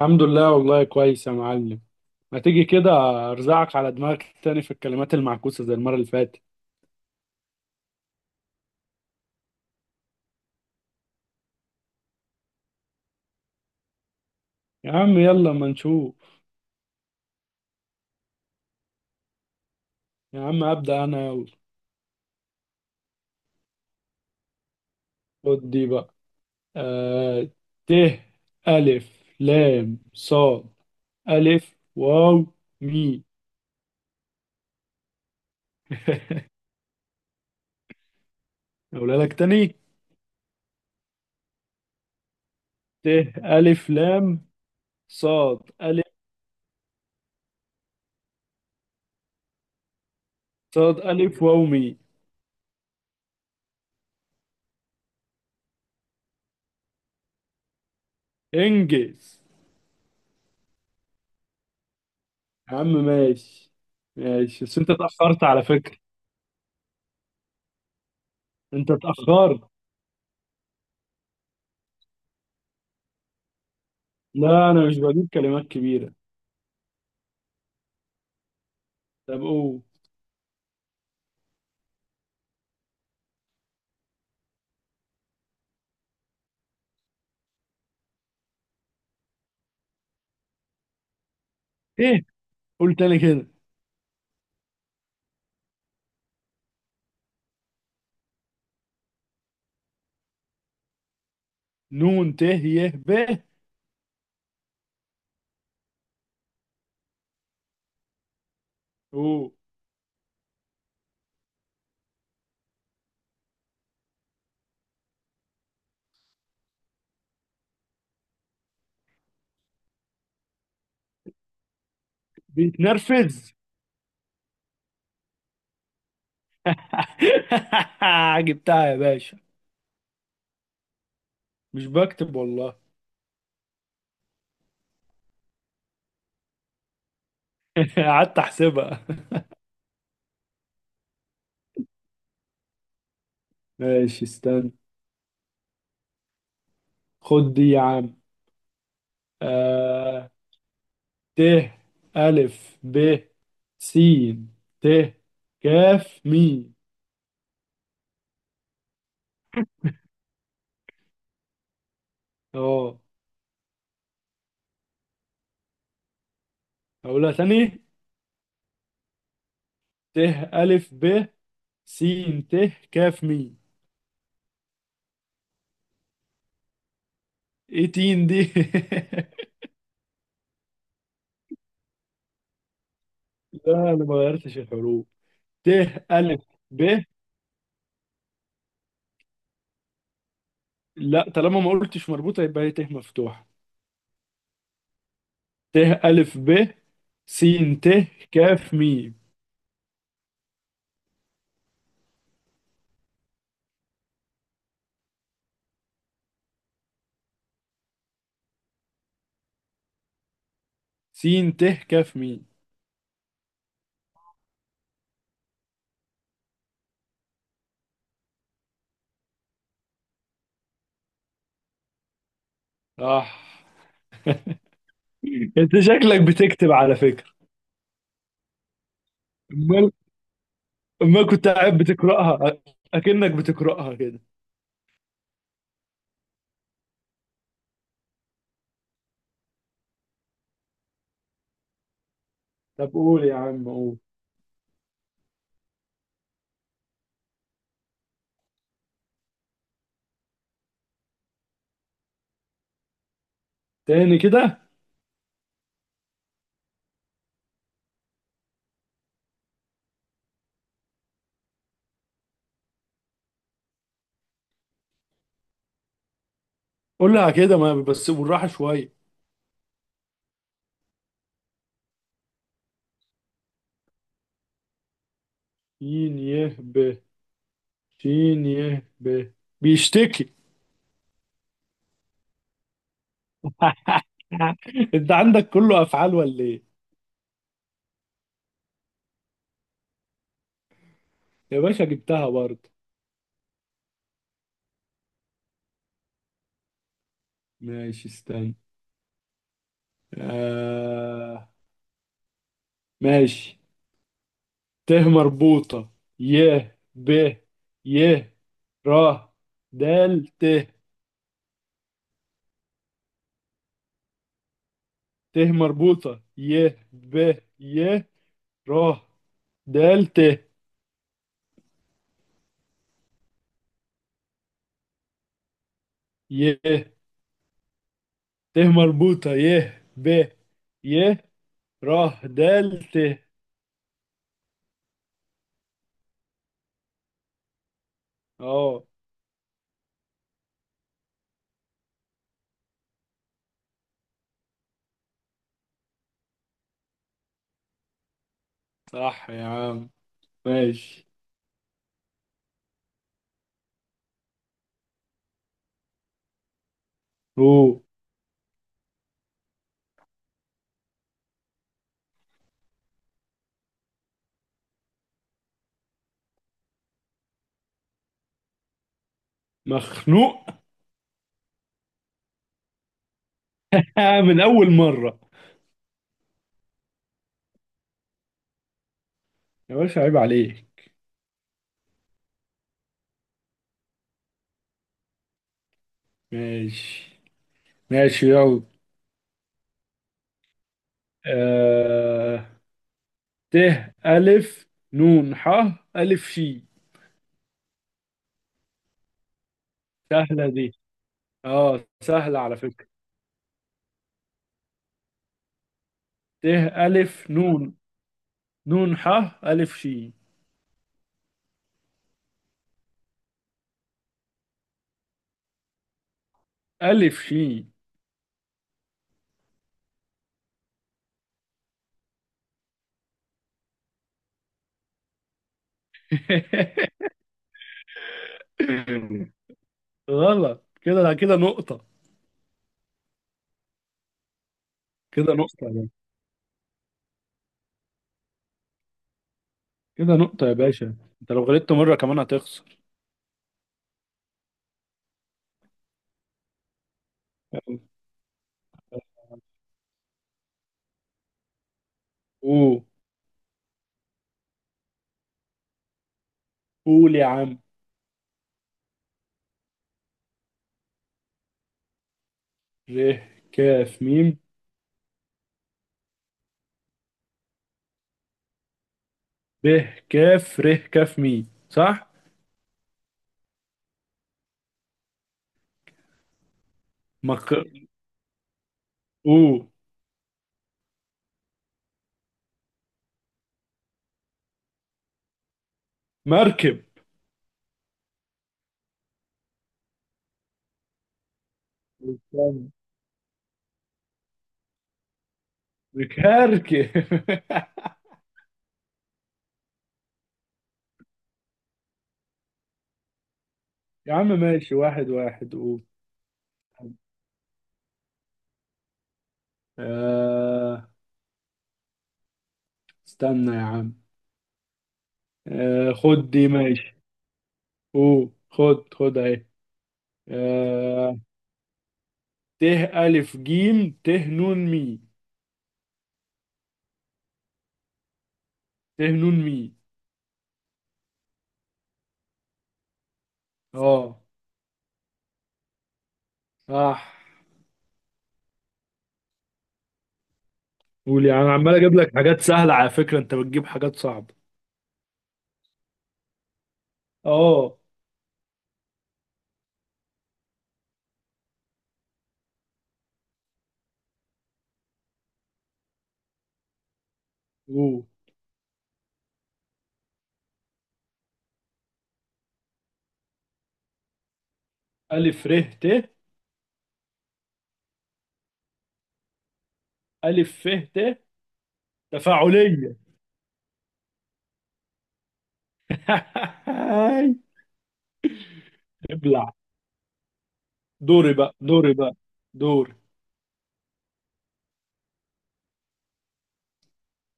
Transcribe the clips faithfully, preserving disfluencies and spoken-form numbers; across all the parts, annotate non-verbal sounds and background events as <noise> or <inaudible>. الحمد لله والله كويس يا معلم. ما تيجي كده ارزعك على دماغك تاني في الكلمات المعكوسة زي المرة اللي فاتت. يا عم يلا ما نشوف. يا عم ابدأ انا يلا. خد دي بقى. آه ت، الف لام صاد الف واو مي. <laughs> اقولها لك تاني. ت الف لام صاد الف صاد الف واو مي. انجز. يا عم ماشي. ماشي بس انت اتأخرت على فكرة. انت اتأخرت. لا انا مش بجيب كلمات كبيره. طب او. ايه؟ قول تاني كده. نون ت ي ب. او. بيتنرفز. <laughs> جبتها يا باشا. مش بكتب والله. <laughs> قعدت احسبها. ماشي استنى. خد دي يا عم. آه... ت، ألف ب س ت كاف ميم. اه. هقولها تاني. ت ألف ب س ت كاف ميم. ايه تين دي؟ <laughs> لا انا ما غيرتش الحروف. ت الف ب. لا طالما ما قلتش مربوطه يبقى هي ت مفتوحه. ت الف ب س ت كاف ميم. س ت كاف ميم. صح. انت شكلك بتكتب على فكره. امال. امال كنت قاعد بتقراها. اكنك بتقراها كده. طب قول يا عم، قول. تاني كده. قولها كده ما بس بالراحه شويه. ي، ي ب، ش ي ب. بيشتكي. <laughs> انت عندك كله افعال ولا ايه؟ يا باشا جبتها برضه. ماشي استنى. آه... ماشي. ت مربوطة ي ب ي را دال ت. ت مربوطة ي ب ي را دال ت ي. ت مربوطة ي ب ي را دال ت. اه. صح يا عم. ماشي. هو. مخنوق. <laughs> آه من أول مرة. يا باشا عيب عليك. ماشي. ماشي يلا. آه... ت، ألف نون ح ألف شي. سهلة دي. اه سهلة على فكرة. ت ألف نون نون ح ألف شي. ألف شي. <laughs> غلط. كده كده نقطة. كده نقطة يا باشا. كده نقطة يا باشا. انت لو غلطت مرة كمان هتخسر. يلا. قول. قول يا عم. ر ك م. ب ك ر ك م. صح؟ ما ك-. اوه. مركب. استنى. مكركب. <laughs> يا عم ماشي، واحد واحد. اوه. آه استنى يا عم. آه خد دي ماشي. اوه، خد خد اهي. آه ت، ألف جيم ت نون مي. ت نون مي. اه صح. قول يا عم. أنا عمال اجيب لك حاجات سهلة على فكرة انت بتجيب حاجات صعبة. اه. اوه. ألف ر ت. ألف ف ت. تفاعلية. <laughs> ابلع. دوري بقى، دوري بقى، دوري.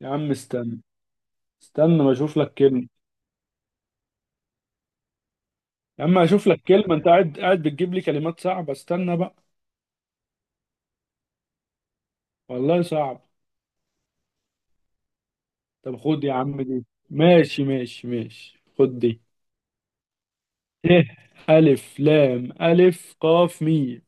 يا عم استنى. استنى ما اشوف لك كلمة. يا عم اشوف لك كلمة. انت قاعد قاعد بتجيب لي كلمات صعبة. استنى بقى. والله صعب. طب خد يا عم، دي ماشي ماشي ماشي. خد دي. ت ألف لام ألف قاف ميم.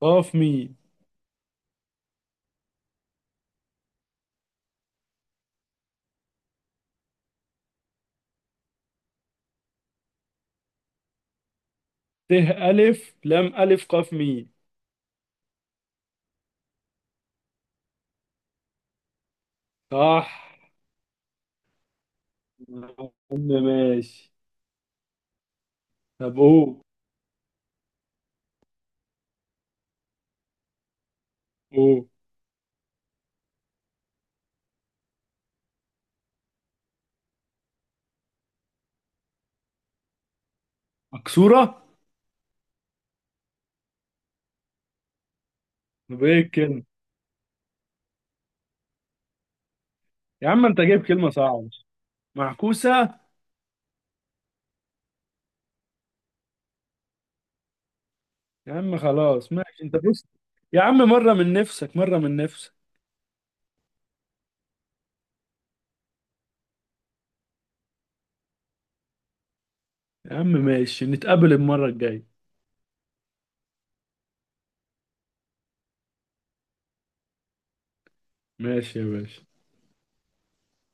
قاف ميم. ت ألف لام ألف قاف ميم. صح يا عم. ماشي. طب قول. قول. مكسورة. طب ايه الكلمة؟ يا عم انت جايب كلمة صعبة. معكوسة. يا عم خلاص، ماشي. انت بص. يا عم، مرة من نفسك، مرة من نفسك. يا عم ماشي، نتقابل المرة الجاية. ماشي يا باشا.